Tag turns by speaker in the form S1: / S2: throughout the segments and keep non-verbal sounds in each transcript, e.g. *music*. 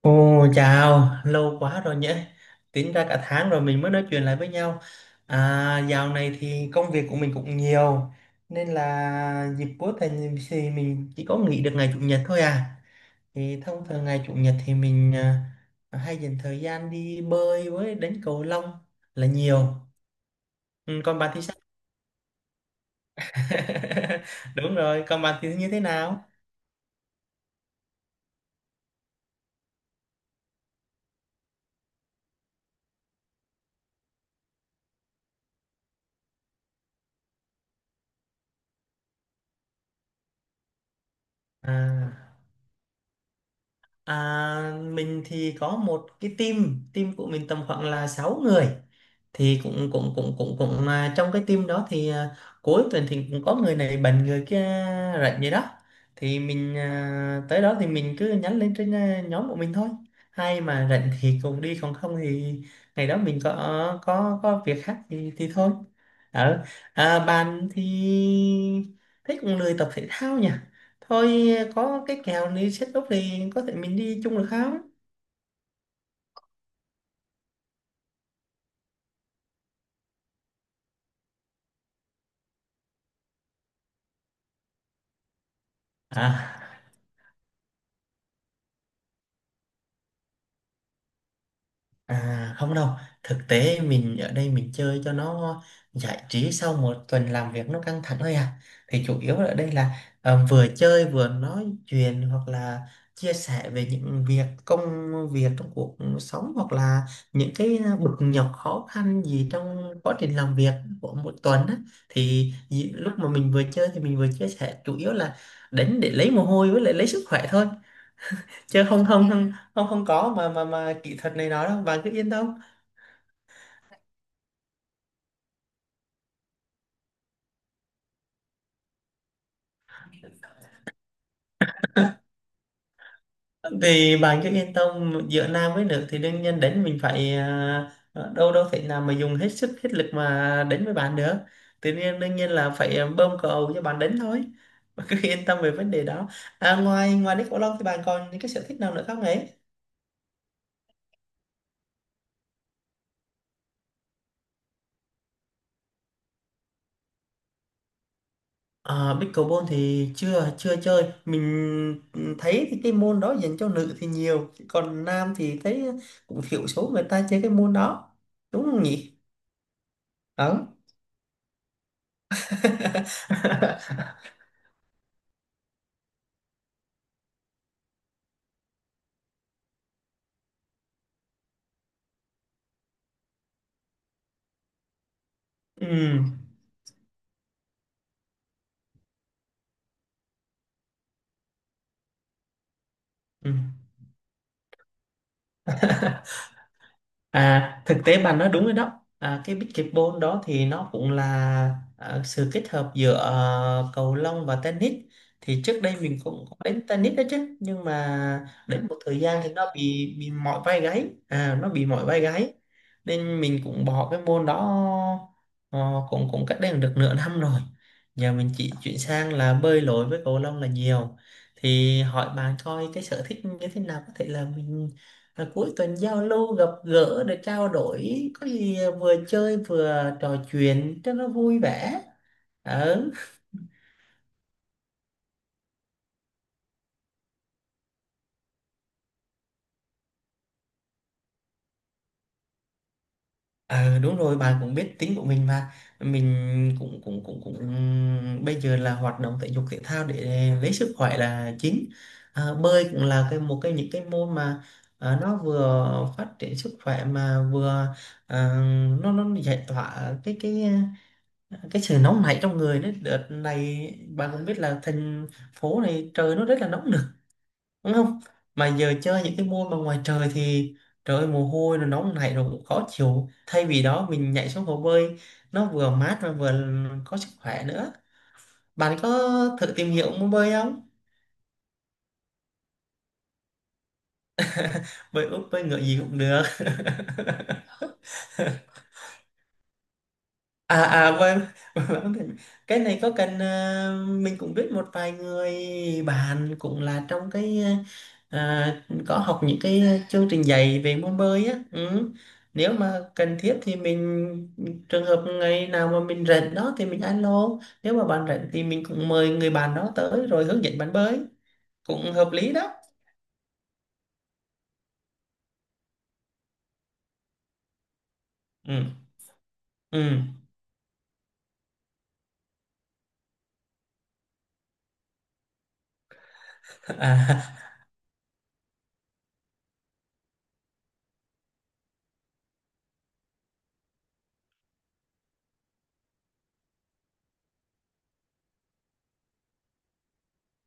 S1: Ồ, chào, lâu quá rồi nhỉ. Tính ra cả tháng rồi mình mới nói chuyện lại với nhau. À, dạo này thì công việc của mình cũng nhiều, nên là dịp cuối tuần thì mình chỉ có nghỉ được ngày chủ nhật thôi à. Thì thông thường ngày chủ nhật thì mình à, hay dành thời gian đi bơi với đánh cầu lông là nhiều. Ừ, còn bạn thì sao? *laughs* Đúng rồi, còn bạn thì như thế nào? À. À, mình thì có một cái team, team của mình tầm khoảng là 6 người. Thì cũng cũng cũng cũng cũng mà trong cái team đó thì à, cuối tuần thì cũng có người này bệnh người kia rảnh vậy đó. Thì mình à, tới đó thì mình cứ nhắn lên trên à, nhóm của mình thôi. Hay mà rảnh thì cùng đi còn không thì ngày đó mình có việc khác thì thôi. Ở à, bạn thì thấy cũng lười tập thể thao nhỉ? Thôi có cái kèo đi set up thì có thể mình đi chung được không à. À, không đâu, thực tế mình ở đây mình chơi cho nó giải trí sau một tuần làm việc nó căng thẳng thôi à. Thì chủ yếu ở đây là ờ, vừa chơi vừa nói chuyện hoặc là chia sẻ về những việc công việc trong cuộc sống hoặc là những cái bực nhọc khó khăn gì trong quá trình làm việc của một tuần á. Thì lúc mà mình vừa chơi thì mình vừa chia sẻ chủ yếu là đến để lấy mồ hôi với lại lấy sức khỏe thôi chứ không không không không không có mà kỹ thuật này nói đâu, bạn cứ yên tâm. Vì bạn cứ yên tâm giữa nam với nữ thì đương nhiên đánh mình phải à, đâu đâu thể nào mà dùng hết sức hết lực mà đánh với bạn được, tự nhiên đương nhiên là phải ờ, bơm cầu cho bạn đánh thôi. *laughs* Bạn cứ yên tâm về vấn đề đó. À, ngoài ngoài pickleball thì bạn còn những cái sở thích nào nữa không ấy? À, pickleball thì chưa chưa chơi, mình thấy thì cái môn đó dành cho nữ thì nhiều, còn nam thì thấy cũng thiểu số người ta chơi cái môn đó, đúng không nhỉ? Đó. *laughs* Ừ. Ừ. À, thực tế bà nói đúng rồi đó. À, cái pickleball đó thì nó cũng là à, sự kết hợp giữa ờ, cầu lông và tennis. Thì trước đây mình cũng có đánh tennis đó chứ, nhưng mà đến một thời gian thì nó bị mỏi vai gáy, à nó bị mỏi vai gáy. Nên mình cũng bỏ cái môn đó ờ, cũng cũng cách đây được nửa năm rồi. Giờ mình chỉ chuyển sang là bơi lội với cầu lông là nhiều. Thì hỏi bạn coi cái sở thích như thế nào có thể là mình à, cuối tuần giao lưu gặp gỡ để trao đổi có gì vừa chơi vừa trò chuyện cho nó vui vẻ. Ờ. Ờ, đúng rồi bà cũng biết tính của mình mà, mình cũng cũng cũng cũng bây giờ là hoạt động thể dục thể thao để lấy sức khỏe là chính. À, bơi cũng là cái một cái những cái môn mà à, nó vừa phát triển sức khỏe mà vừa à, nó giải tỏa cái sự nóng nảy trong người đấy, đợt này bạn cũng biết là thành phố này trời nó rất là nóng nực, đúng không? Mà giờ chơi những cái môn mà ngoài trời thì trời ơi, mồ hôi nó nóng nảy rồi cũng khó chịu, thay vì đó mình nhảy xuống hồ bơi nó vừa mát và vừa có sức khỏe nữa. Bạn có thử tìm hiểu môn bơi không? Bơi úp bơi ngựa gì cũng được. À quên. *laughs* Quên mất tên. *laughs* Cái này có cần à, mình cũng biết một vài người bạn cũng là trong cái ờ, à, có học những cái chương trình dạy về môn bơi á. Ừ, nếu mà cần thiết thì mình, trường hợp ngày nào mà mình rảnh đó thì mình alo, nếu mà bạn rảnh thì mình cũng mời người bạn đó tới rồi hướng dẫn bạn bơi, cũng hợp lý đó. Ừ. Ừ. *laughs* À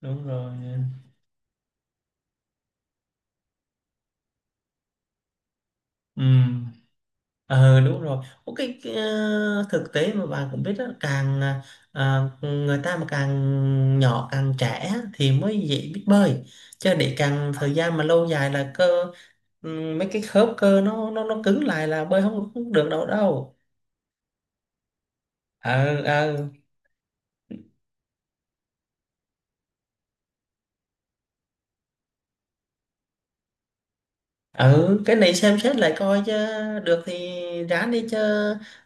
S1: đúng rồi. Ừ. Ờ đúng rồi. Có cái, ờ, thực tế mà bạn cũng biết đó, càng ờ, người ta mà càng nhỏ càng trẻ thì mới dễ biết bơi. Chứ để càng thời gian mà lâu dài là cơ mấy cái khớp cơ nó cứng lại là bơi không được đâu đâu. Ờ ờ. Ừ, cái này xem xét lại coi chứ, được thì ráng đi chứ,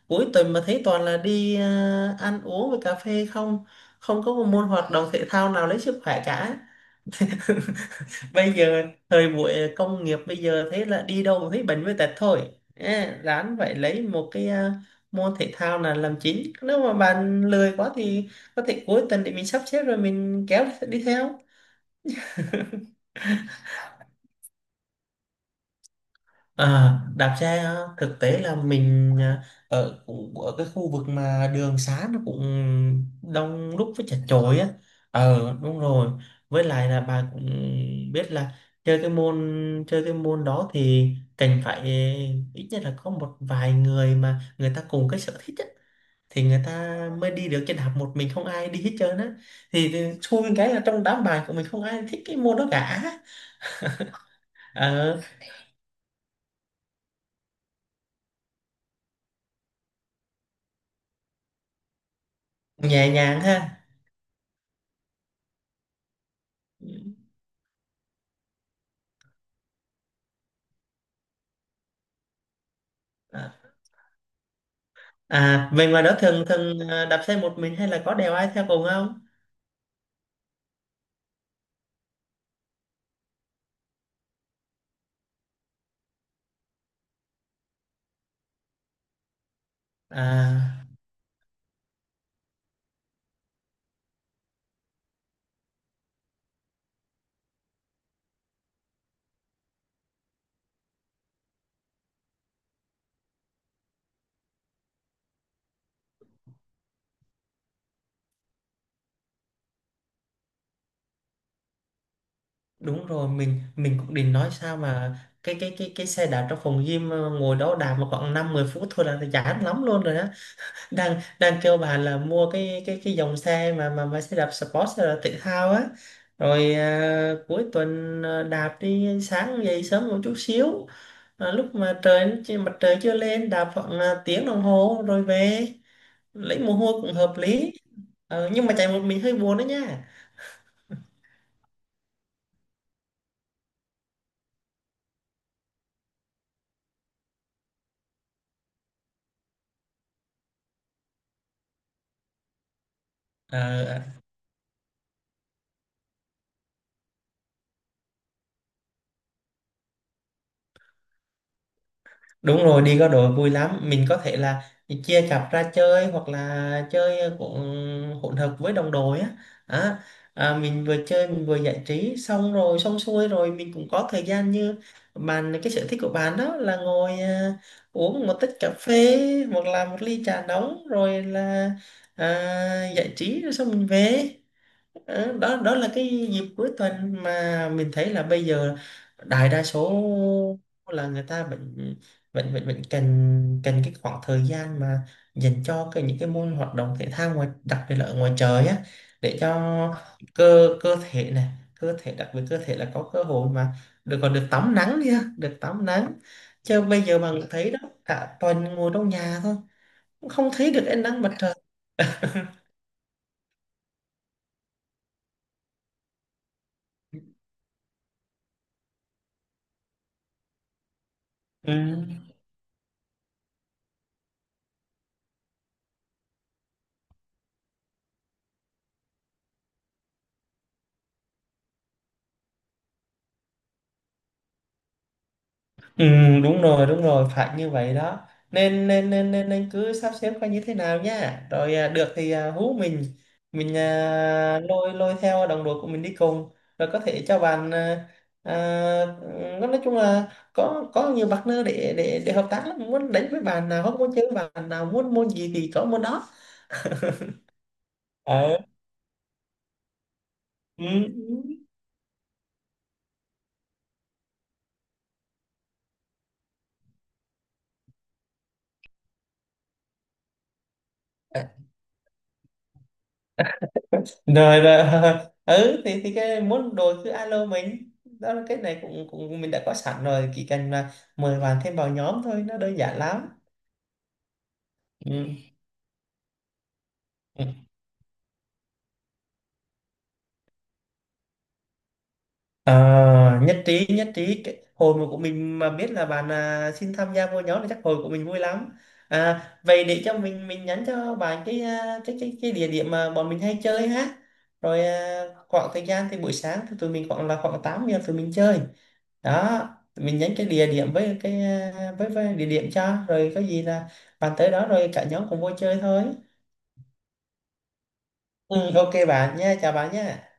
S1: cuối tuần mà thấy toàn là đi ờ, ăn uống với cà phê không, không có một môn hoạt động thể thao nào lấy sức khỏe cả. Bây giờ thời buổi công nghiệp bây giờ thế là đi đâu cũng thấy bệnh với tật thôi. Ê, ráng phải lấy một cái à, môn thể thao là làm chính, nếu mà bạn lười quá thì có thể cuối tuần để mình sắp xếp rồi mình kéo đi theo. À, đạp xe á, thực tế là mình à, ở cũng ở cái khu vực mà đường xá nó cũng đông đúc với chật chội á. Ờ đúng rồi, với lại là bà cũng biết là chơi cái môn, chơi cái môn đó thì cần phải à, ít nhất là có một vài người mà người ta cùng cái sở thích á, thì người ta mới đi được, trên đạp một mình không ai đi hết trơn á, thì xui cái là trong đám bài của mình không ai thích cái môn đó cả. Ờ, nhẹ nhàng ha. Ừ. Ờ. À, về ngoài đó thường thường à, đạp xe một mình hay là có đèo ai theo cùng không? À, đúng rồi, mình cũng định nói sao mà cái xe đạp trong phòng gym à, ngồi đó đạp mà khoảng 5-10 phút thôi là chán lắm luôn rồi. Đang đang kêu bà là mua cái dòng xe mà xe đạp sport xe đạp thể thao á, rồi à, cuối tuần à, đạp đi sáng dậy sớm một chút xíu, à, lúc mà trời chưa- mặt trời chưa lên đạp khoảng à, tiếng đồng hồ rồi về lấy mồ hôi cũng hợp lý. Ờ, nhưng mà chạy một mình hơi buồn đó nha. Ờ, đúng rồi, đi có đội vui lắm. Mình có thể là chia cặp ra chơi hoặc là chơi cũng hỗn hợp với đồng đội á. Á, à, mình vừa chơi mình vừa giải trí xong rồi xong xuôi rồi mình cũng có thời gian như bạn, cái sở thích của bạn đó là ngồi à, uống một tách cà phê hoặc là một ly trà nóng rồi là à, giải trí rồi xong mình về. Ờ, đó đó là cái dịp cuối tuần mà mình thấy là bây giờ đại đa số là người ta vẫn vẫn vẫn vẫn cần cần cái khoảng thời gian mà dành cho cái những cái môn hoạt động thể thao ngoài, đặc biệt là ở ngoài trời á, để cho cơ cơ thể này cơ thể đặc biệt cơ thể là có cơ hội mà được còn được tắm nắng đi ha, được tắm nắng, chứ bây giờ mà thấy đó cả tuần ngồi trong nhà thôi cũng không thấy được ánh nắng mặt trời. Ừ. Ừ, đúng rồi phải như vậy đó, nên nên nên nên, nên cứ sắp xếp coi như thế nào nha rồi à, được thì à, hú mình à, lôi lôi theo đồng đội của mình đi cùng, rồi có thể cho bạn à, à, ừ, nói chung là có nhiều partner để hợp tác lắm, muốn đánh với bạn nào, không muốn chơi với bạn nào, muốn môn gì thì có môn đó. Ờ. Ừ. Rồi rồi rồi. *laughs* Ừ, thì cái muốn đổi cứ alo mình, đó là cái này cũng cũng mình đã có sẵn rồi, chỉ cần là mời bạn thêm vào nhóm thôi, nó đơn giản lắm. Ừ. Ừ. Ờ, nhất trí nhất trí. Hồi mà của mình mà biết là bạn à, xin tham gia vô nhóm thì chắc hồi của mình vui lắm. À, vậy để cho mình nhắn cho bạn cái à, cái địa điểm mà bọn mình hay chơi ha, rồi à, khoảng thời gian thì buổi sáng thì tụi mình khoảng 8 giờ tụi mình chơi đó, tụi mình nhắn cái địa điểm với cái à, với địa điểm cho rồi có gì là bạn tới đó rồi cả nhóm cùng vô chơi thôi. Ừ, ok bạn nha, chào bạn nha.